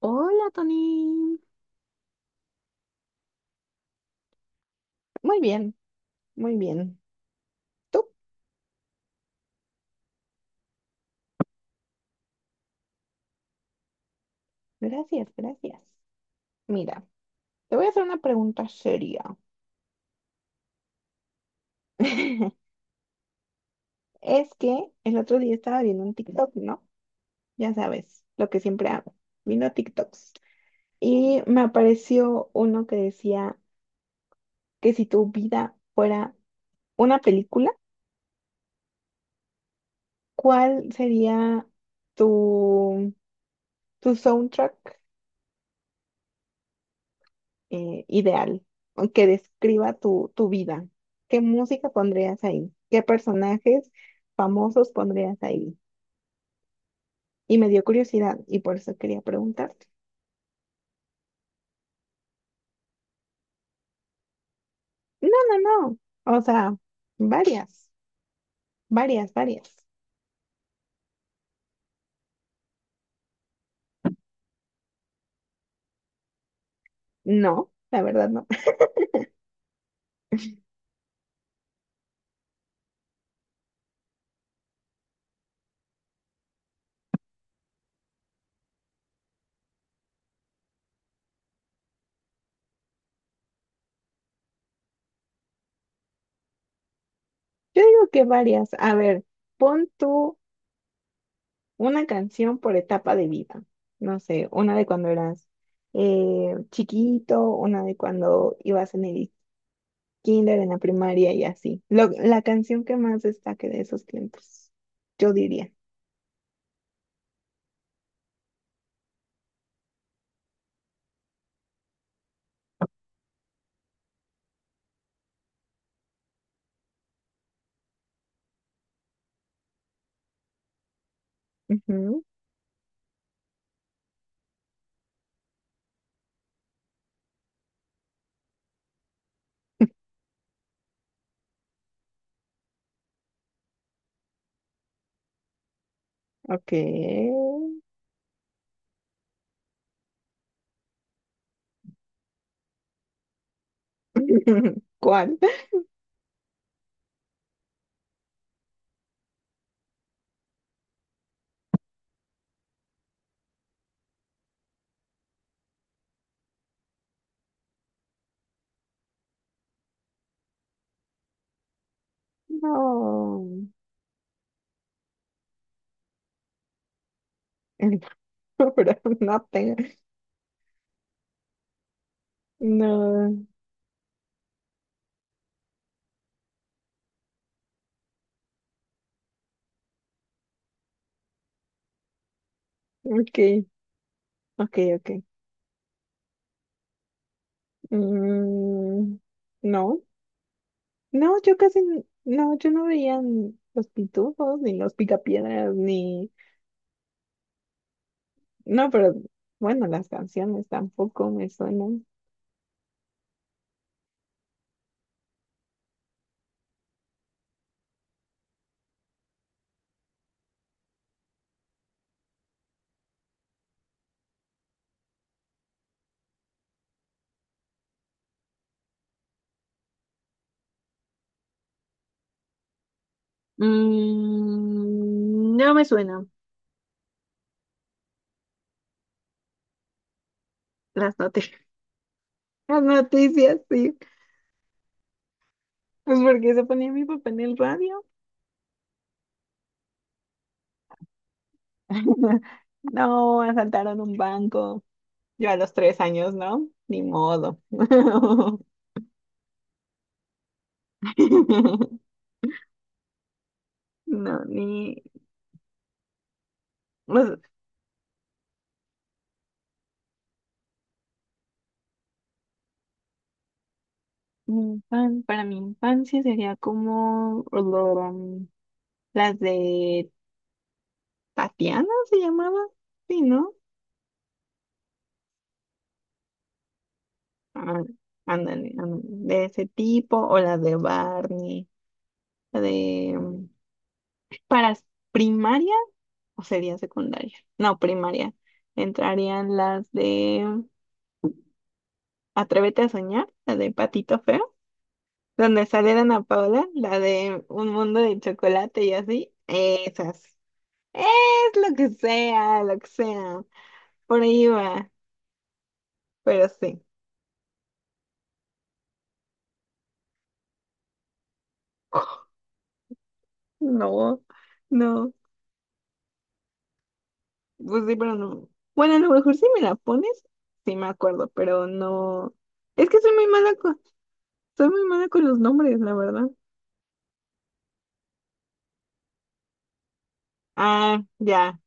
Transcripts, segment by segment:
Hola, Tony. Muy bien, muy bien. ¿Tú? Gracias, gracias. Mira, te voy a hacer una pregunta seria. Es que el otro día estaba viendo un TikTok, ¿no? Ya sabes, lo que siempre hago, viendo TikToks. Y me apareció uno que decía que si tu vida fuera una película, ¿cuál sería tu, tu soundtrack? ¿Ideal o que describa tu vida? ¿Qué música pondrías ahí? ¿Qué personajes famosos pondrías ahí? Y me dio curiosidad y por eso quería preguntarte. No, no, no. O sea, varias, varias, varias. No, la verdad no. Yo digo que varias. A ver, pon tú una canción por etapa de vida. No sé, una de cuando eras chiquito, una de cuando ibas en el kinder, en la primaria y así. La canción que más destaque de esos tiempos, yo diría. Ujú, ok. ¿Cuál? No, el programa, no tengo. No, ok, ok, ok. Mm, no, no, yo casi, no, yo no veía los pitufos, ni los picapiedras, ni, no, pero bueno, las canciones tampoco me suenan. Mm, no me suena. Las noticias, las noticias, sí. Pues porque se ponía mi papá en el radio. No, asaltaron un banco. Yo a los tres años, ¿no? Ni modo. No, ni... Pues, para mi infancia sería como las de Tatiana se llamaba, sí, ¿no? Ah, ándale, ándale, de ese tipo, o las de Barney, la de... Para primaria o sería secundaria, no, primaria, entrarían las de Atrévete a soñar, la de Patito Feo, donde sale Ana Paula, la de Un mundo de chocolate y así, esas. Es lo que sea, lo que sea. Por ahí va, pero sí. No, no. Pues sí, pero no. Bueno, a lo mejor si me la pones, sí me acuerdo, pero no. Es que soy muy mala con, soy muy mala con los nombres, la verdad. Ah, ya,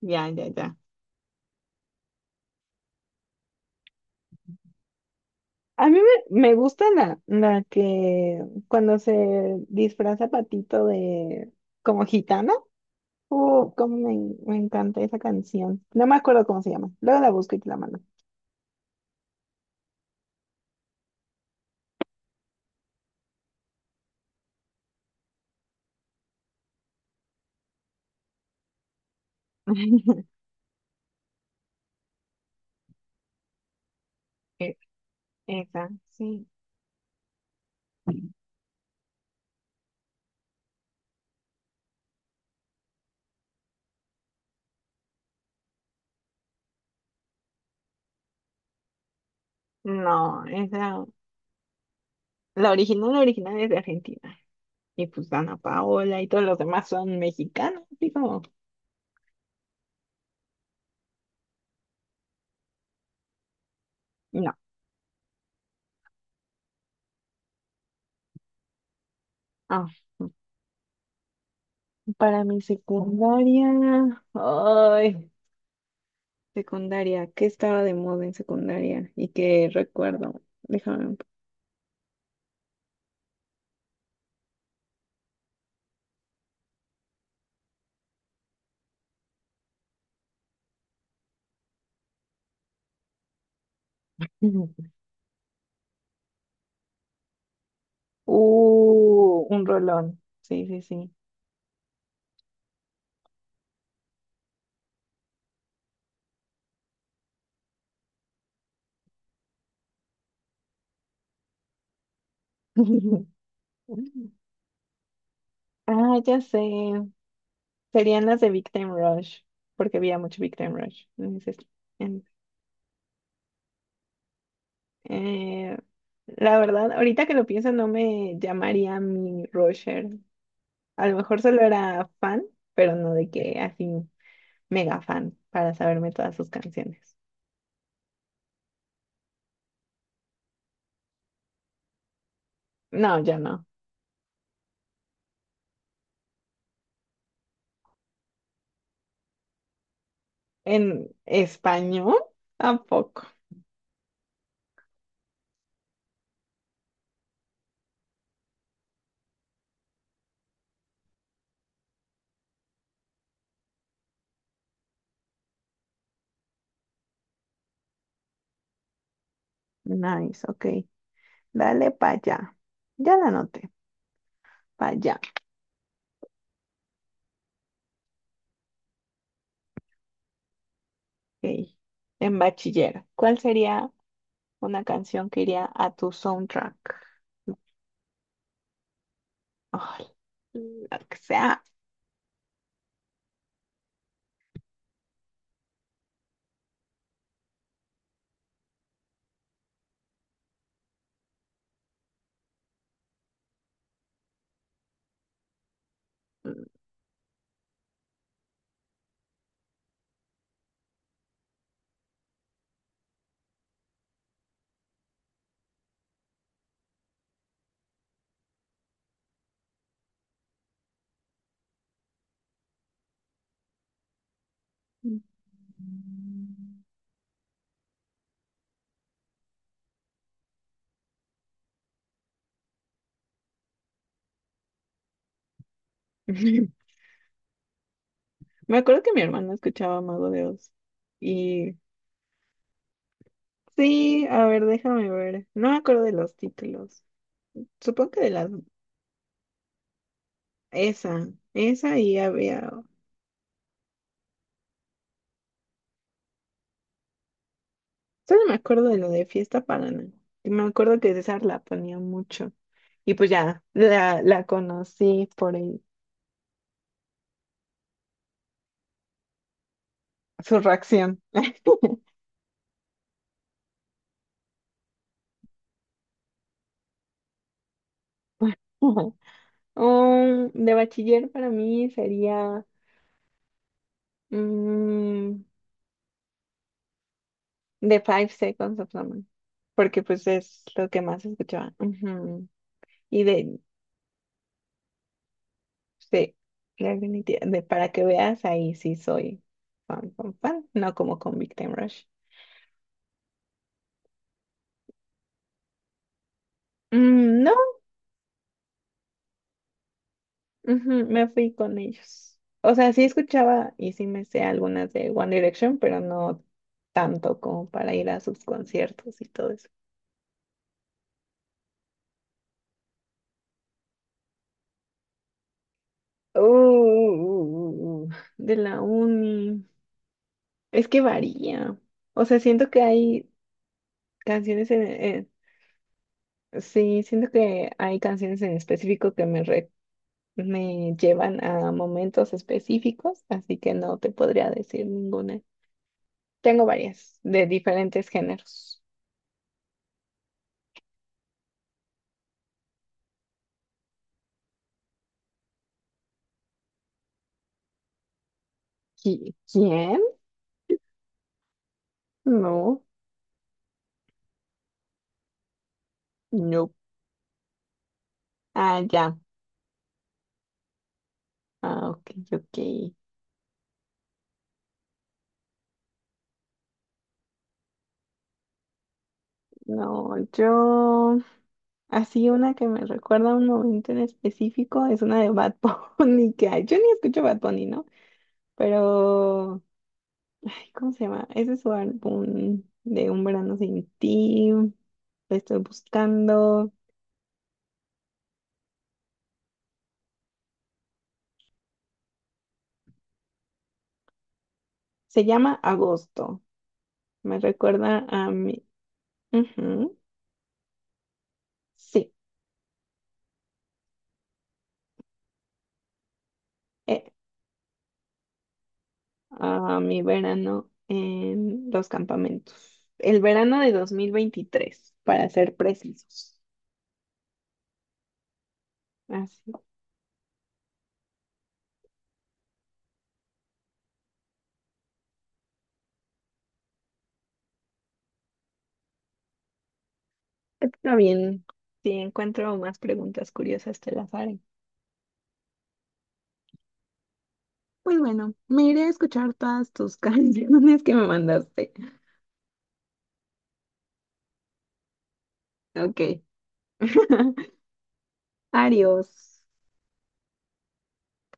ya, ya, ya. A mí me gusta la que cuando se disfraza Patito de como gitana. Cómo me encanta esa canción. No me acuerdo cómo se llama. Luego la busco y te la mando. E- Esa, sí. No, esa, la original es de Argentina. Y pues Ana Paola y todos los demás son mexicanos. Digo, no. Ah, para mi secundaria, ay, secundaria, ¿qué estaba de moda en secundaria? ¿Y qué recuerdo? Déjame. un- un rolón. Sí, sí, sí. Ah, ya sé. Serían las de Big Time Rush, porque había mucho Big Time Rush. Entonces, en- eh, la verdad, ahorita que lo pienso, no me llamaría mi rusher. A lo mejor solo era fan, pero no de que así mega fan para saberme todas sus canciones. No, yo no. ¿En español? ¿A poco? Nice, ok. Dale para allá. Ya la anoté. Para allá. Ok. En bachiller. ¿Cuál sería una canción que iría a tu soundtrack? Ay, lo que sea. Me acuerdo que mi hermano escuchaba Mago de Oz. Y sí, a ver, déjame ver. No me acuerdo de los títulos. Supongo que de las... Esa, esa y había... Solo me acuerdo de lo de Fiesta Pagana. Y me acuerdo que César la ponía mucho. Y pues ya, la conocí por él. Su reacción. De bachiller para mí sería mm, The Five Seconds of Summer, porque pues es lo que más escuchaba. Ujú. Y sí, para que veas, ahí sí soy fan, fan, fan, no como con Victim Rush. Mm, no, ujú, me fui con ellos. O sea, sí escuchaba y sí me sé algunas de One Direction, pero no tanto como para ir a sus conciertos y todo eso. Uh, uh, uh, uh, uh, uh, de la uni. Es que varía. O sea, siento que hay canciones en... sí, siento que hay canciones en específico que me llevan a momentos específicos, así que no te podría decir ninguna. Tengo varias de diferentes géneros. ¿Quién? No, no. Ah, ya. Ah, ok, ok. No, yo... Así una que me recuerda a un momento en específico es una de Bad Bunny, que ay, yo ni escucho Bad Bunny, ¿no? Pero, ay, ¿cómo se llama? Ese es su álbum de Un verano sin ti, lo estoy buscando. Se llama Agosto, me recuerda a mi, ujú, sí, eh, a mi verano en los campamentos. El verano de 2023, para ser precisos. Así está bien. Si encuentro más preguntas curiosas, te las haré. Pues bueno, me iré a escuchar todas tus canciones que me mandaste. Ok. Adiós.